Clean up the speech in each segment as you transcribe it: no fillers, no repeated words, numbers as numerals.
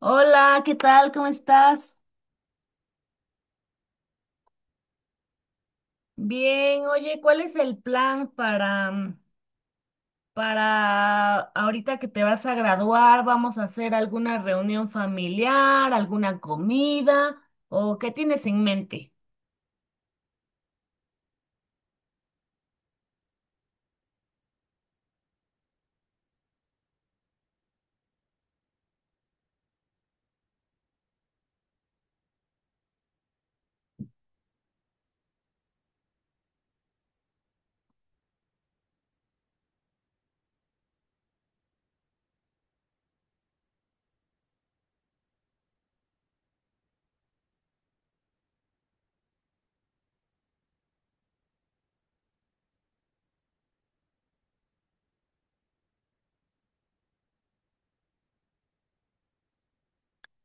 Hola, ¿qué tal? ¿Cómo estás? Bien, oye, ¿cuál es el plan para, para ahorita que te vas a graduar? ¿Vamos a hacer alguna reunión familiar, alguna comida o qué tienes en mente?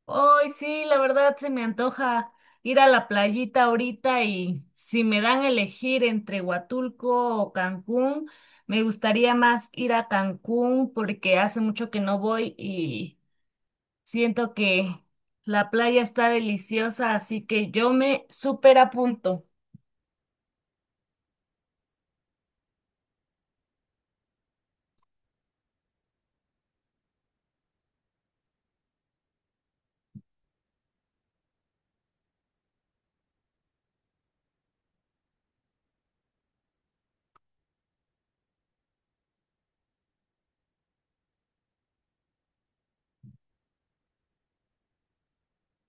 Hoy sí, la verdad se me antoja ir a la playita ahorita y si me dan a elegir entre Huatulco o Cancún, me gustaría más ir a Cancún porque hace mucho que no voy y... Siento que la playa está deliciosa, así que yo me súper apunto.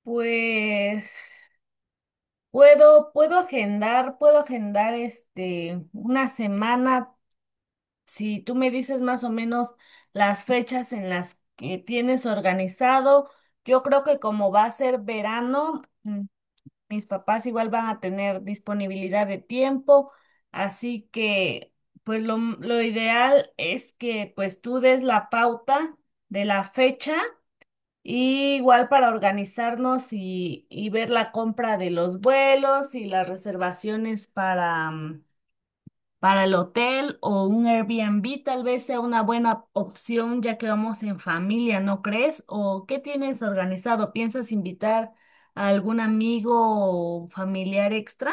Pues puedo agendar, puedo agendar una semana. Si tú me dices más o menos las fechas en las que tienes organizado, yo creo que como va a ser verano. Mis papás igual van a tener disponibilidad de tiempo, así que pues lo ideal es que pues tú des la pauta de la fecha y igual para organizarnos y ver la compra de los vuelos y las reservaciones para para el hotel o un Airbnb tal vez sea una buena opción ya que vamos en familia, ¿no crees? ¿O qué tienes organizado? ¿Piensas invitar a algún amigo o familiar extra?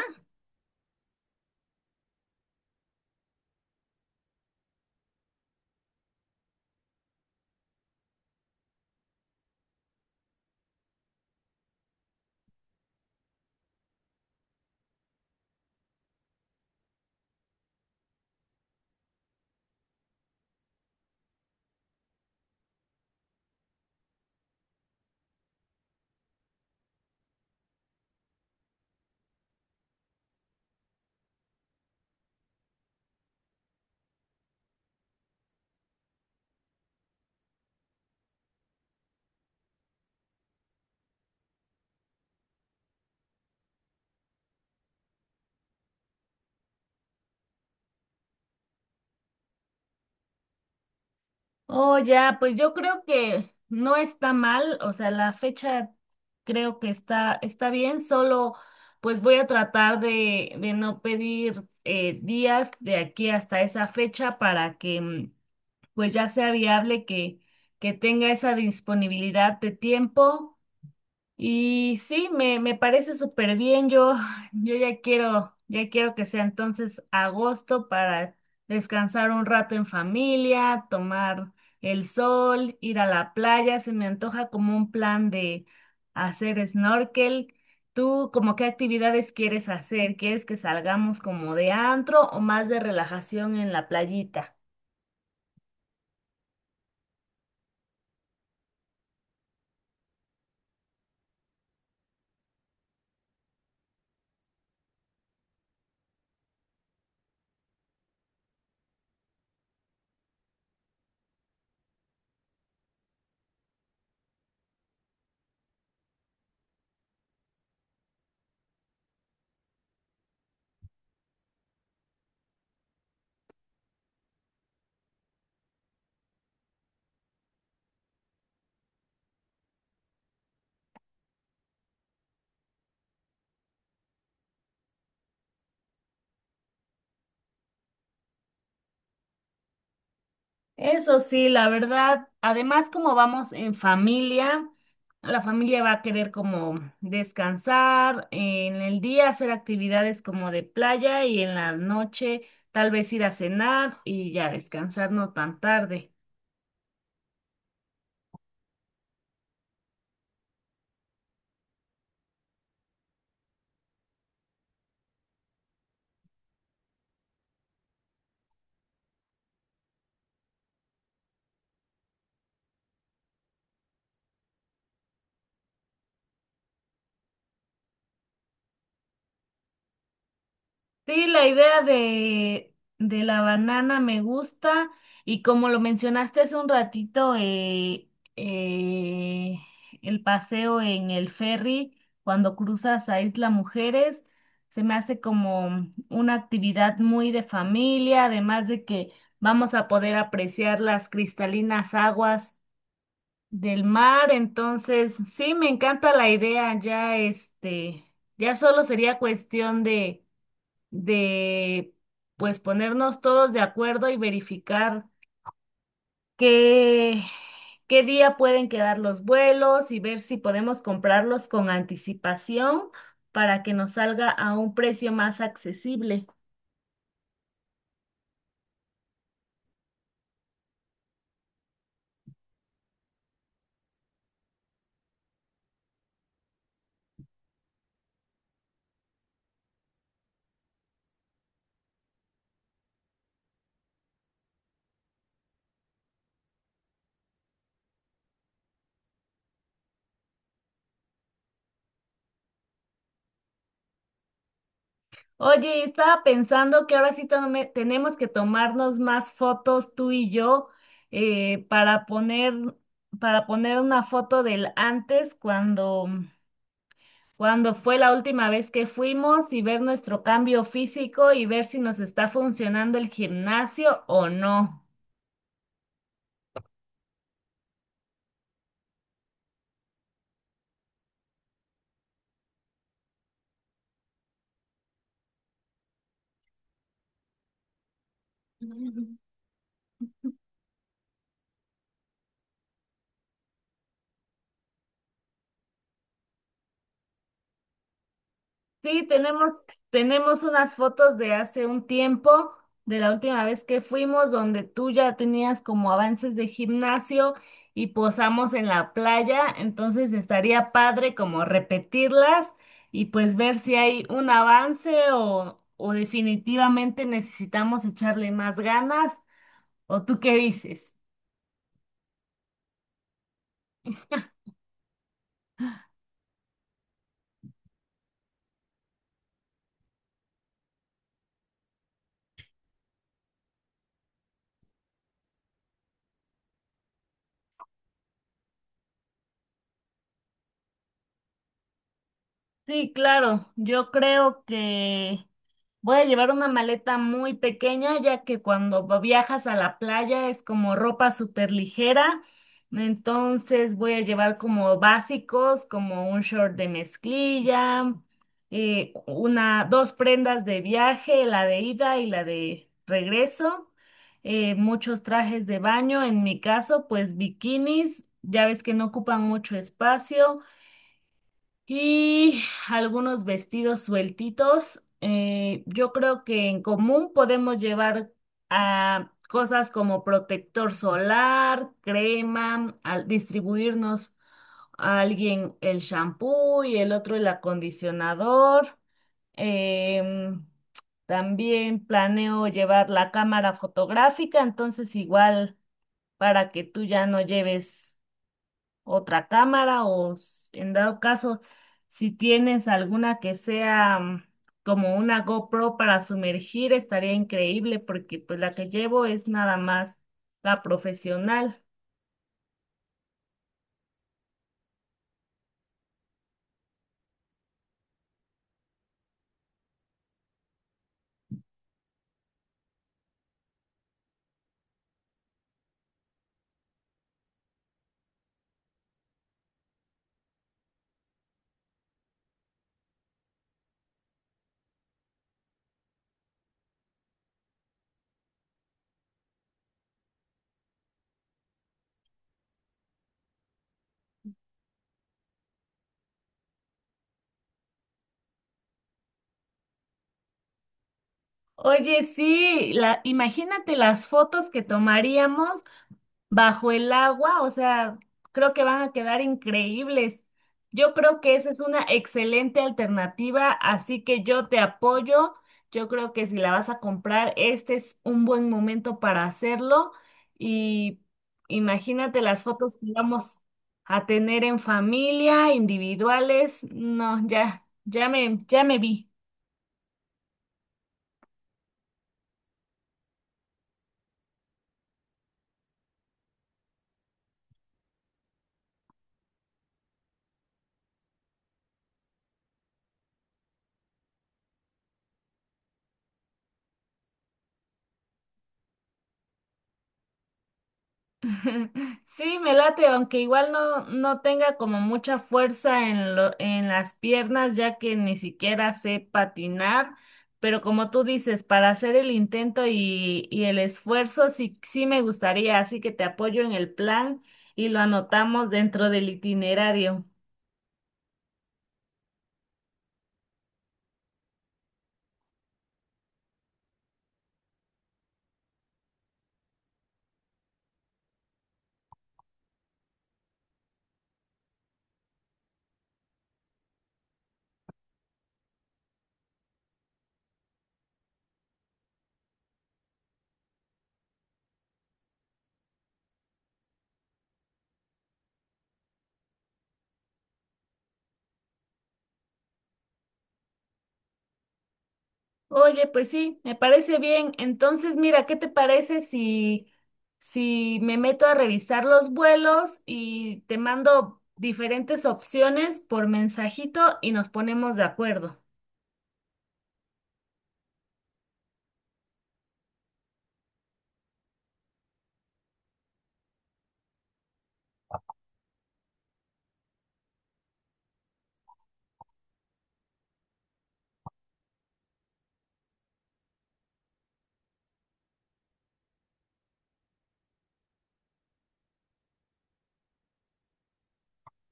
Oh, ya, pues yo creo que no está mal, o sea, la fecha creo que está bien, solo pues voy a tratar de no pedir días de aquí hasta esa fecha para que pues ya sea viable que tenga esa disponibilidad de tiempo. Y sí, me parece súper bien. Yo, ya quiero que sea entonces agosto para descansar un rato en familia, tomar el sol, ir a la playa. Se me antoja como un plan de hacer snorkel. ¿Tú como qué actividades quieres hacer? ¿Quieres que salgamos como de antro o más de relajación en la playita? Eso sí, la verdad, además como vamos en familia, la familia va a querer como descansar, en el día hacer actividades como de playa y en la noche tal vez ir a cenar y ya descansar no tan tarde. Sí, la idea de la banana me gusta y como lo mencionaste hace un ratito, eh, el paseo en el ferry cuando cruzas a Isla Mujeres se me hace como una actividad muy de familia, además de que vamos a poder apreciar las cristalinas aguas del mar, entonces sí, me encanta la idea, ya solo sería cuestión de pues ponernos todos de acuerdo y verificar qué, qué día pueden quedar los vuelos y ver si podemos comprarlos con anticipación para que nos salga a un precio más accesible. Oye, estaba pensando que ahora sí tenemos que tomarnos más fotos tú y yo eh, para poner, para poner una foto del antes cuando cuándo fue la última vez que fuimos y ver nuestro cambio físico y ver si nos está funcionando el gimnasio o no. Ujú. Sí, tenemos unas fotos de hace un tiempo, de la última vez que fuimos, donde tú ya tenías como avances de gimnasio y posamos en la playa, entonces estaría padre como repetirlas y pues ver si hay un avance o definitivamente necesitamos echarle más ganas. ¿O tú qué dices? Sí, claro, yo creo que voy a llevar una maleta muy pequeña, ya que cuando viajas a la playa es como ropa súper ligera, entonces voy a llevar como básicos, como un short de mezclilla, una, dos prendas de viaje, la de ida y la de regreso, muchos trajes de baño, en mi caso, pues bikinis, ya ves que no ocupan mucho espacio. Y algunos vestidos sueltitos. Yo creo que en común podemos llevar a cosas como protector solar, crema, al distribuirnos a alguien el shampoo y el otro el acondicionador. Em, También planeo llevar la cámara fotográfica, entonces igual para que tú ya no lleves otra cámara o en dado caso, si tienes alguna que sea como una GoPro para sumergir, estaría increíble porque pues la que llevo es nada más la profesional. Oye, sí, imagínate las fotos que tomaríamos bajo el agua, o sea, creo que van a quedar increíbles. Yo creo que esa es una excelente alternativa, así que yo te apoyo. Yo creo que si la vas a comprar, este es un buen momento para hacerlo y imagínate las fotos que vamos a tener en familia, individuales. No, ya me vi. Sí, me late, aunque igual no, no tenga como mucha fuerza en en las piernas, ya que ni siquiera sé patinar, pero como tú dices, para hacer el intento y el esfuerzo, sí me gustaría, así que te apoyo en el plan y lo anotamos dentro del itinerario. Oye, pues sí, me parece bien. Entonces, mira, ¿qué te parece si me meto a revisar los vuelos y te mando diferentes opciones por mensajito y nos ponemos de acuerdo?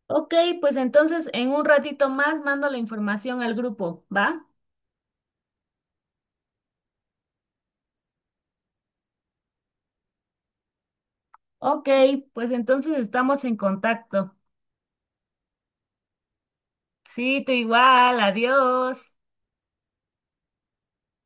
Ok, pues entonces en un ratito más mando la información al grupo, ¿va? Ok, pues entonces estamos en contacto. Sí, tú igual, adiós.